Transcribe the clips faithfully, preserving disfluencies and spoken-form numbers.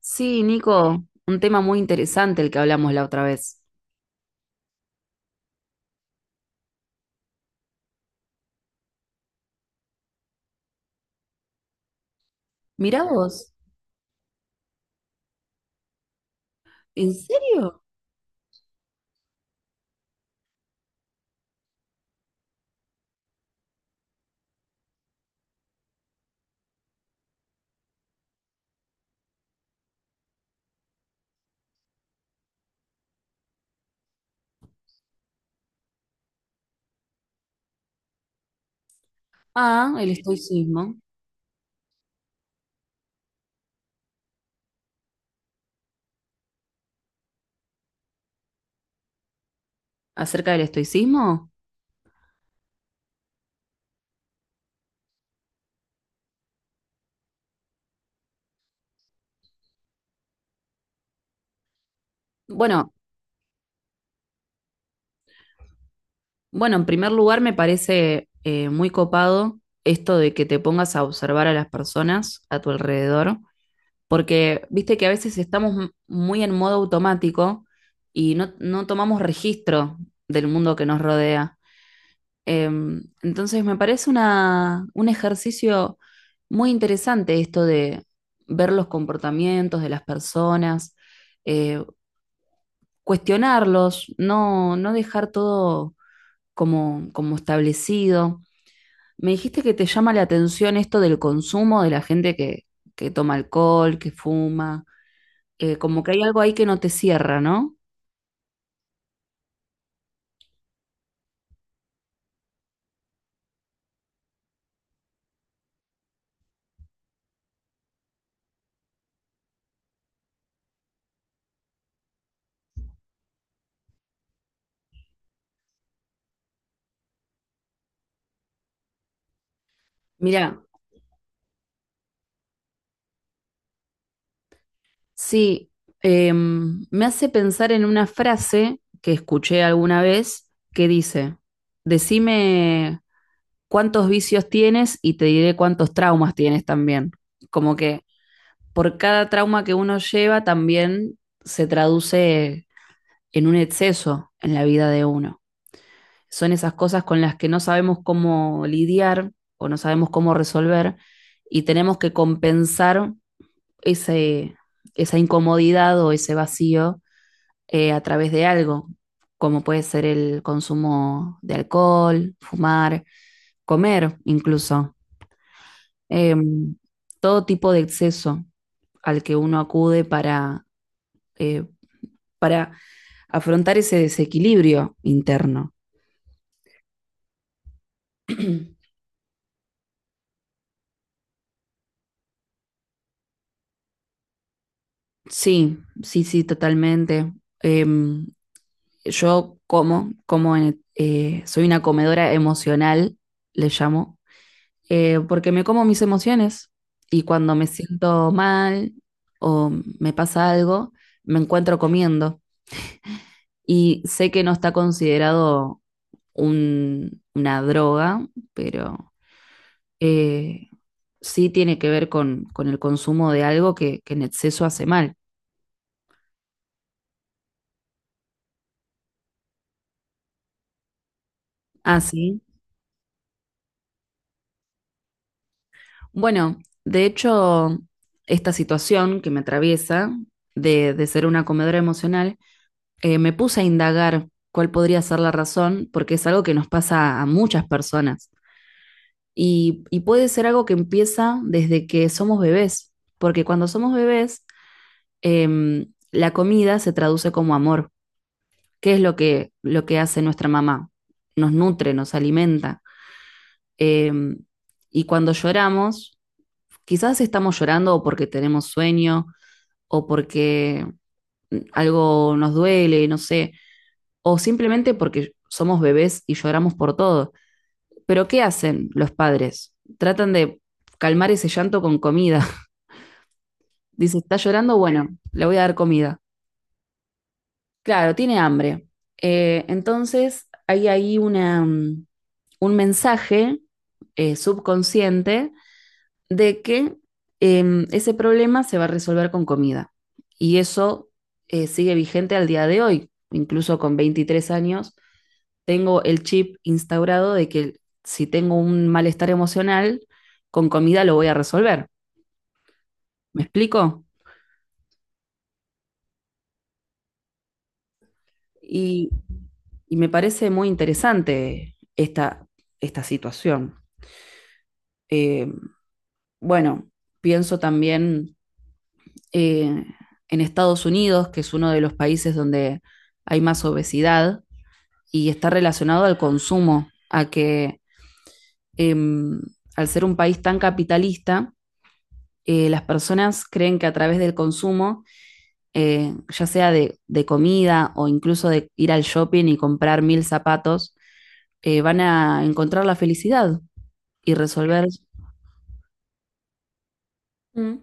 Sí, Nico, un tema muy interesante el que hablamos la otra vez. Mirá vos, ¿en serio? Ah, el estoicismo. ¿Acerca del estoicismo? Bueno, bueno, en primer lugar me parece eh, muy copado esto de que te pongas a observar a las personas a tu alrededor, porque viste que a veces estamos m- muy en modo automático y no, no tomamos registro del mundo que nos rodea. Em, entonces me parece una, un ejercicio muy interesante esto de ver los comportamientos de las personas, eh, cuestionarlos, no, no dejar todo como, como establecido. Me dijiste que te llama la atención esto del consumo de la gente que, que toma alcohol, que fuma, eh, como que hay algo ahí que no te cierra, ¿no? Mira, sí, em, me hace pensar en una frase que escuché alguna vez que dice, decime cuántos vicios tienes y te diré cuántos traumas tienes también. Como que por cada trauma que uno lleva también se traduce en un exceso en la vida de uno. Son esas cosas con las que no sabemos cómo lidiar o no sabemos cómo resolver y tenemos que compensar ese, esa incomodidad o ese vacío eh, a través de algo, como puede ser el consumo de alcohol, fumar, comer incluso, eh, todo tipo de exceso al que uno acude para, eh, para afrontar ese desequilibrio interno. Sí, sí, sí, totalmente. Em, yo como, como en- eh, soy una comedora emocional, le llamo, eh, porque me como mis emociones y cuando me siento mal o me pasa algo, me encuentro comiendo y sé que no está considerado un- una droga, pero eh, sí tiene que ver con, con el consumo de algo que, que en exceso hace mal. Ah, sí. Bueno, de hecho, esta situación que me atraviesa de, de ser una comedora emocional, eh, me puse a indagar cuál podría ser la razón, porque es algo que nos pasa a muchas personas. Y, y puede ser algo que empieza desde que somos bebés, porque cuando somos bebés, eh, la comida se traduce como amor. ¿Qué es lo que, lo que hace nuestra mamá? Nos nutre, nos alimenta. Eh, y cuando lloramos, quizás estamos llorando o porque tenemos sueño o porque mm, algo nos duele, no sé, o simplemente porque somos bebés y lloramos por todo. Pero ¿qué hacen los padres? Tratan de calmar ese llanto con comida. Dice, está llorando, bueno, le voy a dar comida. Claro, tiene hambre. Eh, entonces hay ahí una, um, un mensaje eh, subconsciente de que em, ese problema se va a resolver con comida. Y eso eh, sigue vigente al día de hoy, incluso con veintitrés años. Tengo el chip instaurado de que si tengo un malestar emocional, con comida lo voy a resolver. ¿Me explico? Y, y me parece muy interesante esta, esta situación. Eh, bueno, pienso también eh, en Estados Unidos, que es uno de los países donde hay más obesidad y está relacionado al consumo, a que eh, al ser un país tan capitalista, eh, las personas creen que a través del consumo, eh, ya sea de, de, comida o incluso de ir al shopping y comprar mil zapatos, eh, van a encontrar la felicidad y resolver... Mm.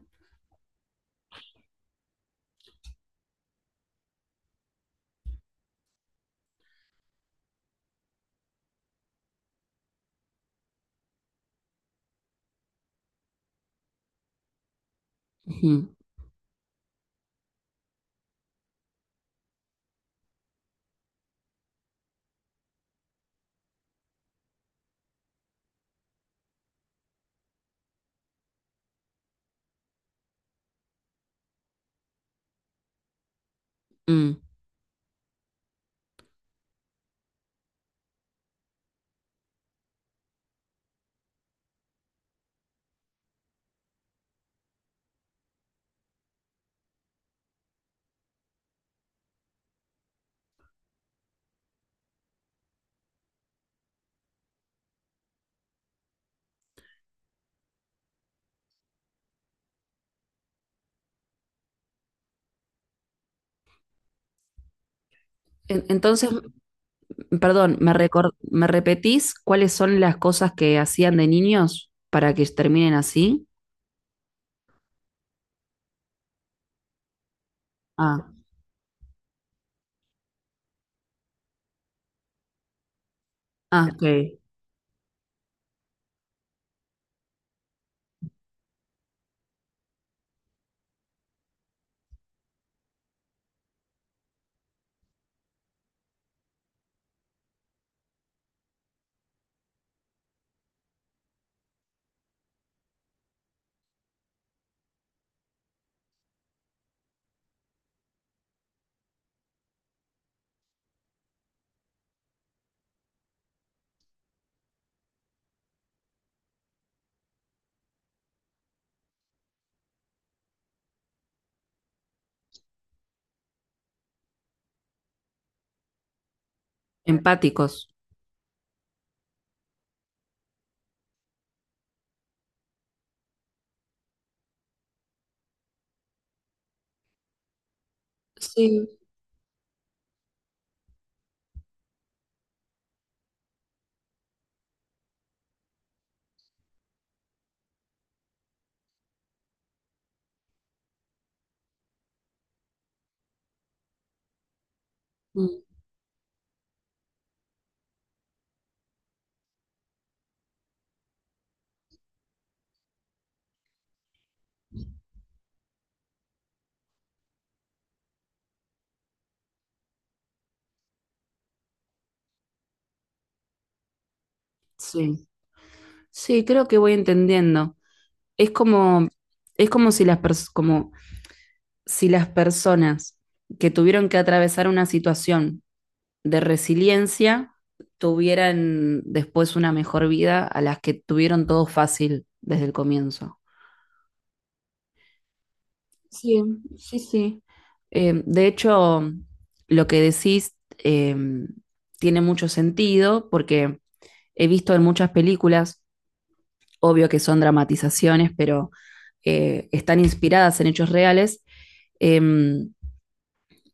Uh -huh. Mm. En- Entonces, perdón, ¿me, recor- ¿me repetís cuáles son las cosas que hacían de niños para que terminen así? Ah, ah, ok. Empáticos. Sí, mm, sí, sí, creo que voy entendiendo. Es como, es como si las pers- como si las personas que tuvieron que atravesar una situación de resiliencia tuvieran después una mejor vida a las que tuvieron todo fácil desde el comienzo. Sí, sí, sí. Eh, de hecho, lo que decís eh, tiene mucho sentido porque he visto en muchas películas, obvio que son dramatizaciones, pero eh, están inspiradas en hechos reales. Eh,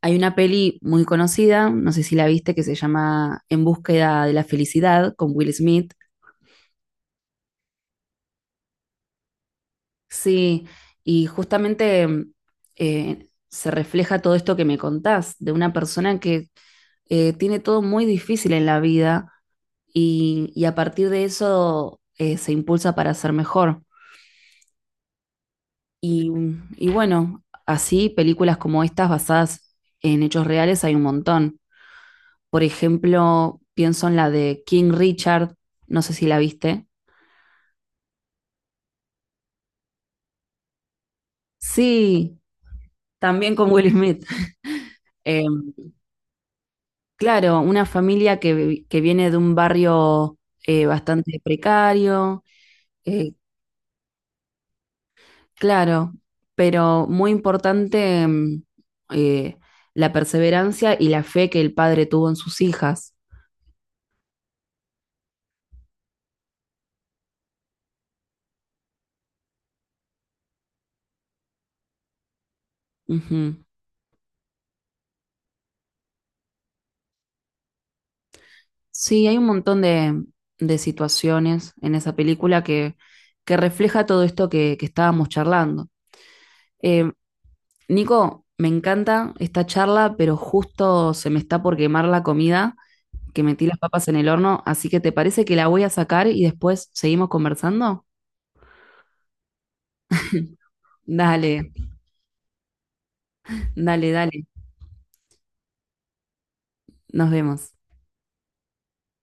hay una peli muy conocida, no sé si la viste, que se llama En búsqueda de la felicidad con Will Smith. Sí, y justamente em, eh, se refleja todo esto que me contás, de una persona que eh, tiene todo muy difícil en la vida y, y a partir de eso eh, se impulsa para ser mejor. Y, y bueno, así películas como estas basadas en hechos reales hay un montón. Por ejemplo, pienso en la de King Richard, no sé si la viste. Sí, también con Will Smith. Eh, claro, una familia que, vi- que viene de un barrio eh, bastante precario, eh, claro, pero muy importante mm, eh, la perseverancia y la fe que el padre tuvo en sus hijas. Ujú. Sí, hay un montón de, de situaciones en esa película que, que refleja todo esto que, que estábamos charlando. Eh, Nico, me encanta esta charla, pero justo se me está por quemar la comida, que metí las papas en el horno, así que ¿te parece que la voy a sacar y después seguimos conversando? Dale, dale, dale. Nos vemos.